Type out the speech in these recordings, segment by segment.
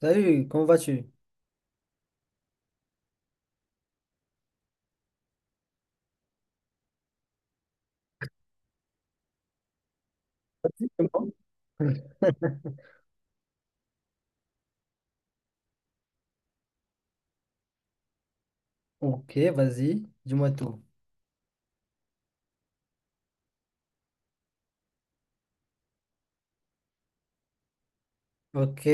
Salut, comment vas-tu? Vas-y, c'est moi. Ok, vas-y, dis-moi tout. Ok.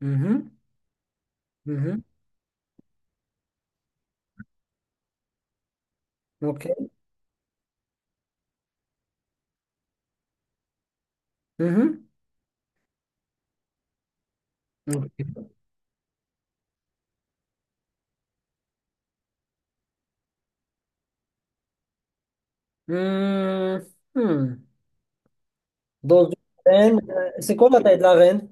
Mhm, mhm, ok. Mhm, ok. Hmm, hmm. Dans une reine, c'est quoi la taille de la reine?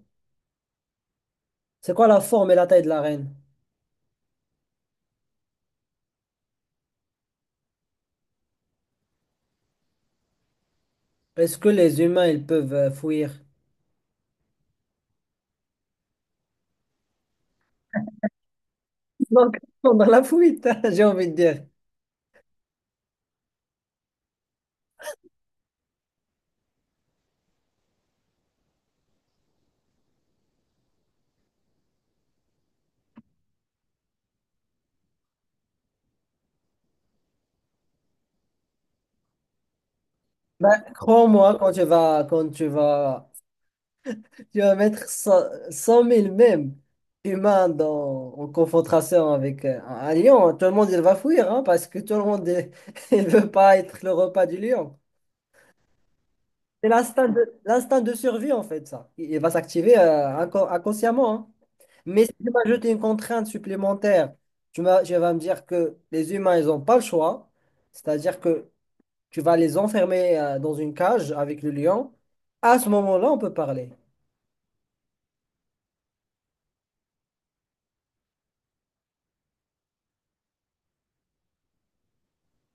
C'est quoi la forme et la taille de la reine? Est-ce que les humains, ils peuvent fuir? Donc, ils sont dans la fuite, j'ai envie de dire. Ben, crois-moi, quand tu vas, tu vas mettre cent cent mille même humains dans, en confrontation avec un lion. Tout le monde, il va fuir hein, parce que tout le monde, il il veut pas être le repas du lion. C'est l'instinct de survie, en fait, ça. Il va s'activer inconsciemment, hein. Mais si tu m'ajoutes une contrainte supplémentaire, tu vas me dire que les humains, ils n'ont pas le choix. C'est-à-dire que tu vas les enfermer dans une cage avec le lion. À ce moment-là, on peut parler.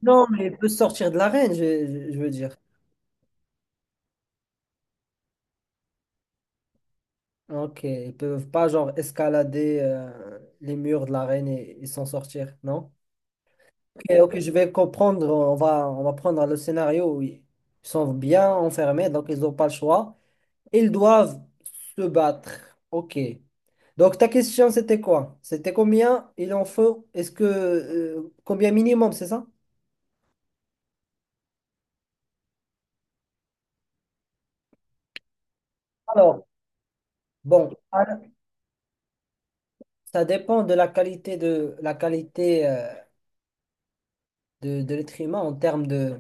Non, mais ils peuvent sortir de l'arène, veux dire. Ok, ils peuvent pas genre escalader les murs de l'arène et s'en sortir, non? Ok, ok, je vais comprendre. On va prendre le scénario où ils sont bien enfermés, donc ils n'ont pas le choix. Ils doivent se battre. Ok. Donc ta question, c'était quoi? C'était combien il en faut? Est-ce que combien minimum, c'est ça? Alors, bon, alors, ça dépend de la qualité de la qualité. De l'être humain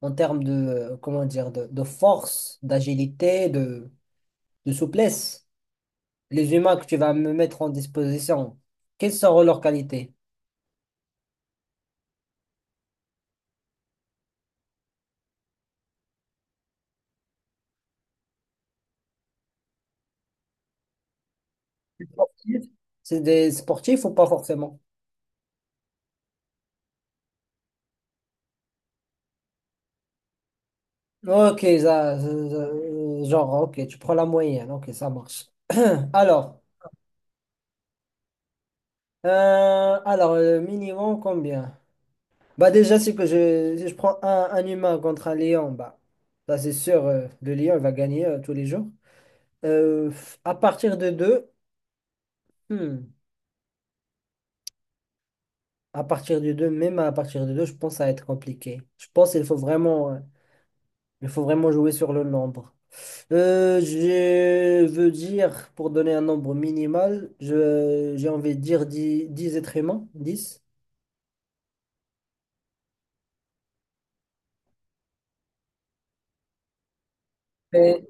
en termes de, comment dire, de force, d'agilité, de souplesse. Les humains que tu vas me mettre en disposition, quelles seront leurs qualités? Sportifs. C'est des sportifs ou pas forcément? Ok, genre, ok, tu prends la moyenne, ok, ça marche. Alors, alors le minimum, combien? Bah déjà, si je prends un humain contre un lion, bah, ça c'est sûr, le lion il va gagner tous les jours. Euh, à partir de deux, hmm, à partir de deux, je pense que ça va être compliqué. Je pense qu'il faut vraiment, il faut vraiment jouer sur le nombre. Je veux dire, pour donner un nombre minimal, j'ai envie de dire 10, 10 êtres humains, 10. Mais-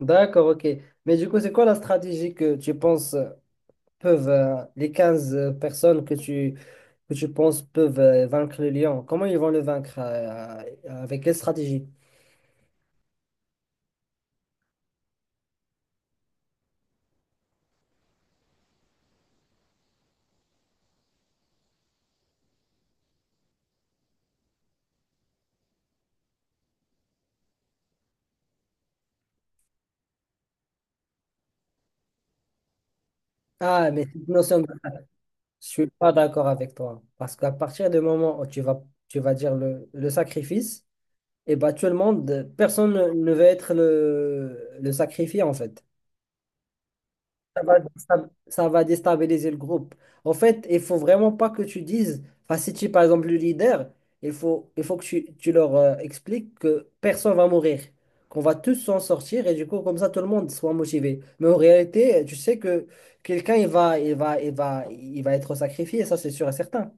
D'accord, ok. Mais du coup, c'est quoi la stratégie que tu penses peuvent, les 15 personnes que tu penses peuvent vaincre le lion? Comment ils vont le vaincre avec quelle stratégie? Ah, mais cette notion, je suis pas d'accord avec toi. Parce qu'à partir du moment où tu vas dire le sacrifice, et bah, tout le monde, personne ne, ne veut être le sacrifié, en fait. Ça va, ça va déstabiliser le groupe. En fait, il faut vraiment pas que tu dises, enfin, si tu es par exemple le leader, il faut que tu leur expliques que personne va mourir, qu'on va tous s'en sortir, et du coup, comme ça, tout le monde soit motivé. Mais en réalité, tu sais que quelqu'un, il va être sacrifié, ça, c'est sûr et certain.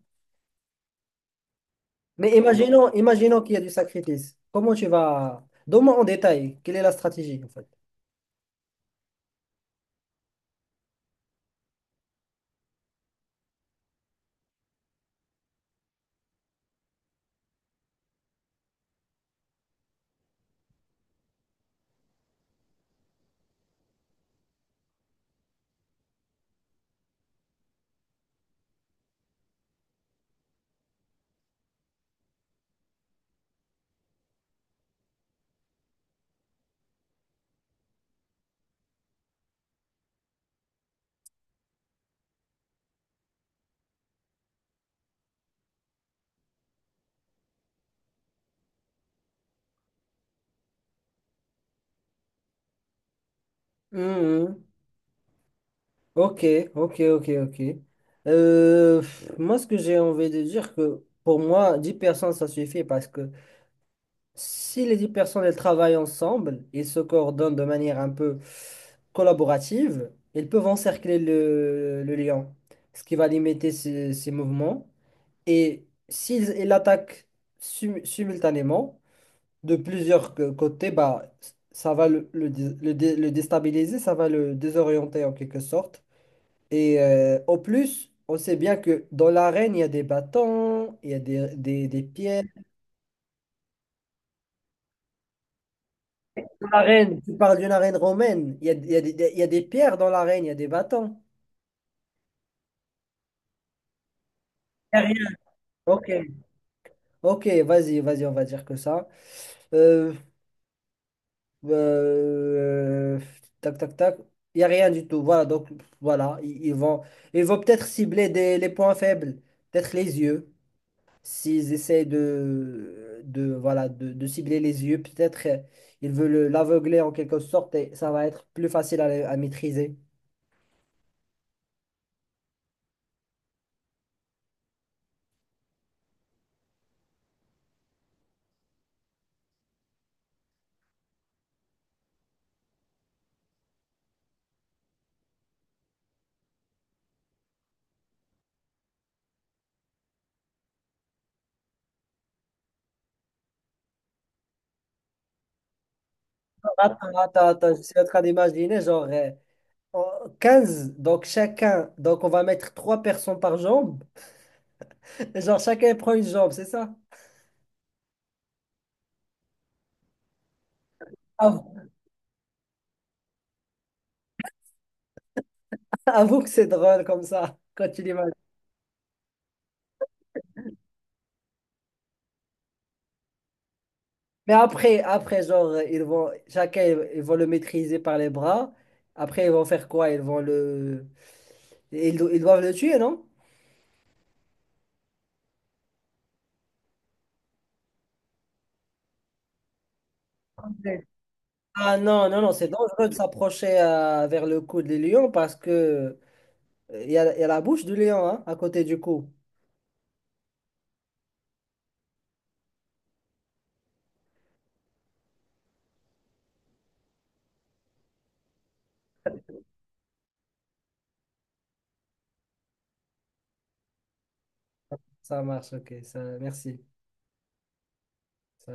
Mais imaginons, imaginons qu'il y a du sacrifice. Comment tu vas... Donne-moi en détail, quelle est la stratégie en fait? Mhm. Ok, ok, ok, ok. Pff, moi, ce que j'ai envie de dire, que pour moi, 10 personnes, ça suffit parce que si les 10 personnes, elles travaillent ensemble et se coordonnent de manière un peu collaborative, elles peuvent encercler le lion, ce qui va limiter ses mouvements. Et s'ils ils l'attaquent simultanément, de plusieurs côtés, bah, ça va le déstabiliser, ça va le désorienter en quelque sorte. Et au plus, on sait bien que dans l'arène, il y a des bâtons, il y a des pierres. Dans l'arène, tu parles d'une arène romaine, il y a il y a des pierres dans l'arène, il y a des bâtons. Il y a rien. Ok, ok, vas-y, vas-y, on va dire que ça. Euh, Euh, tac, tac, tac. Il n'y a rien du tout. Voilà, donc voilà, ils vont peut-être cibler des, les points faibles, peut-être les yeux. S'ils essaient voilà, de cibler les yeux, peut-être ils veulent l'aveugler en quelque sorte et ça va être plus facile à maîtriser. Attends, attends, attends, je suis en train d'imaginer, genre en 15, donc chacun, donc on va mettre trois personnes par jambe. Genre chacun prend une jambe, c'est ça? Ah, avoue que c'est drôle comme ça, quand tu l'imagines. Mais après, après, genre, ils vont, chacun, ils vont le maîtriser par les bras. Après, ils vont faire quoi? Ils vont le... ils doivent le tuer, non? Ouais. Ah non, non, non, c'est dangereux de s'approcher vers le cou des lions parce que il y a la bouche du lion hein, à côté du cou. Ça marche, ok, ça, merci. Ça-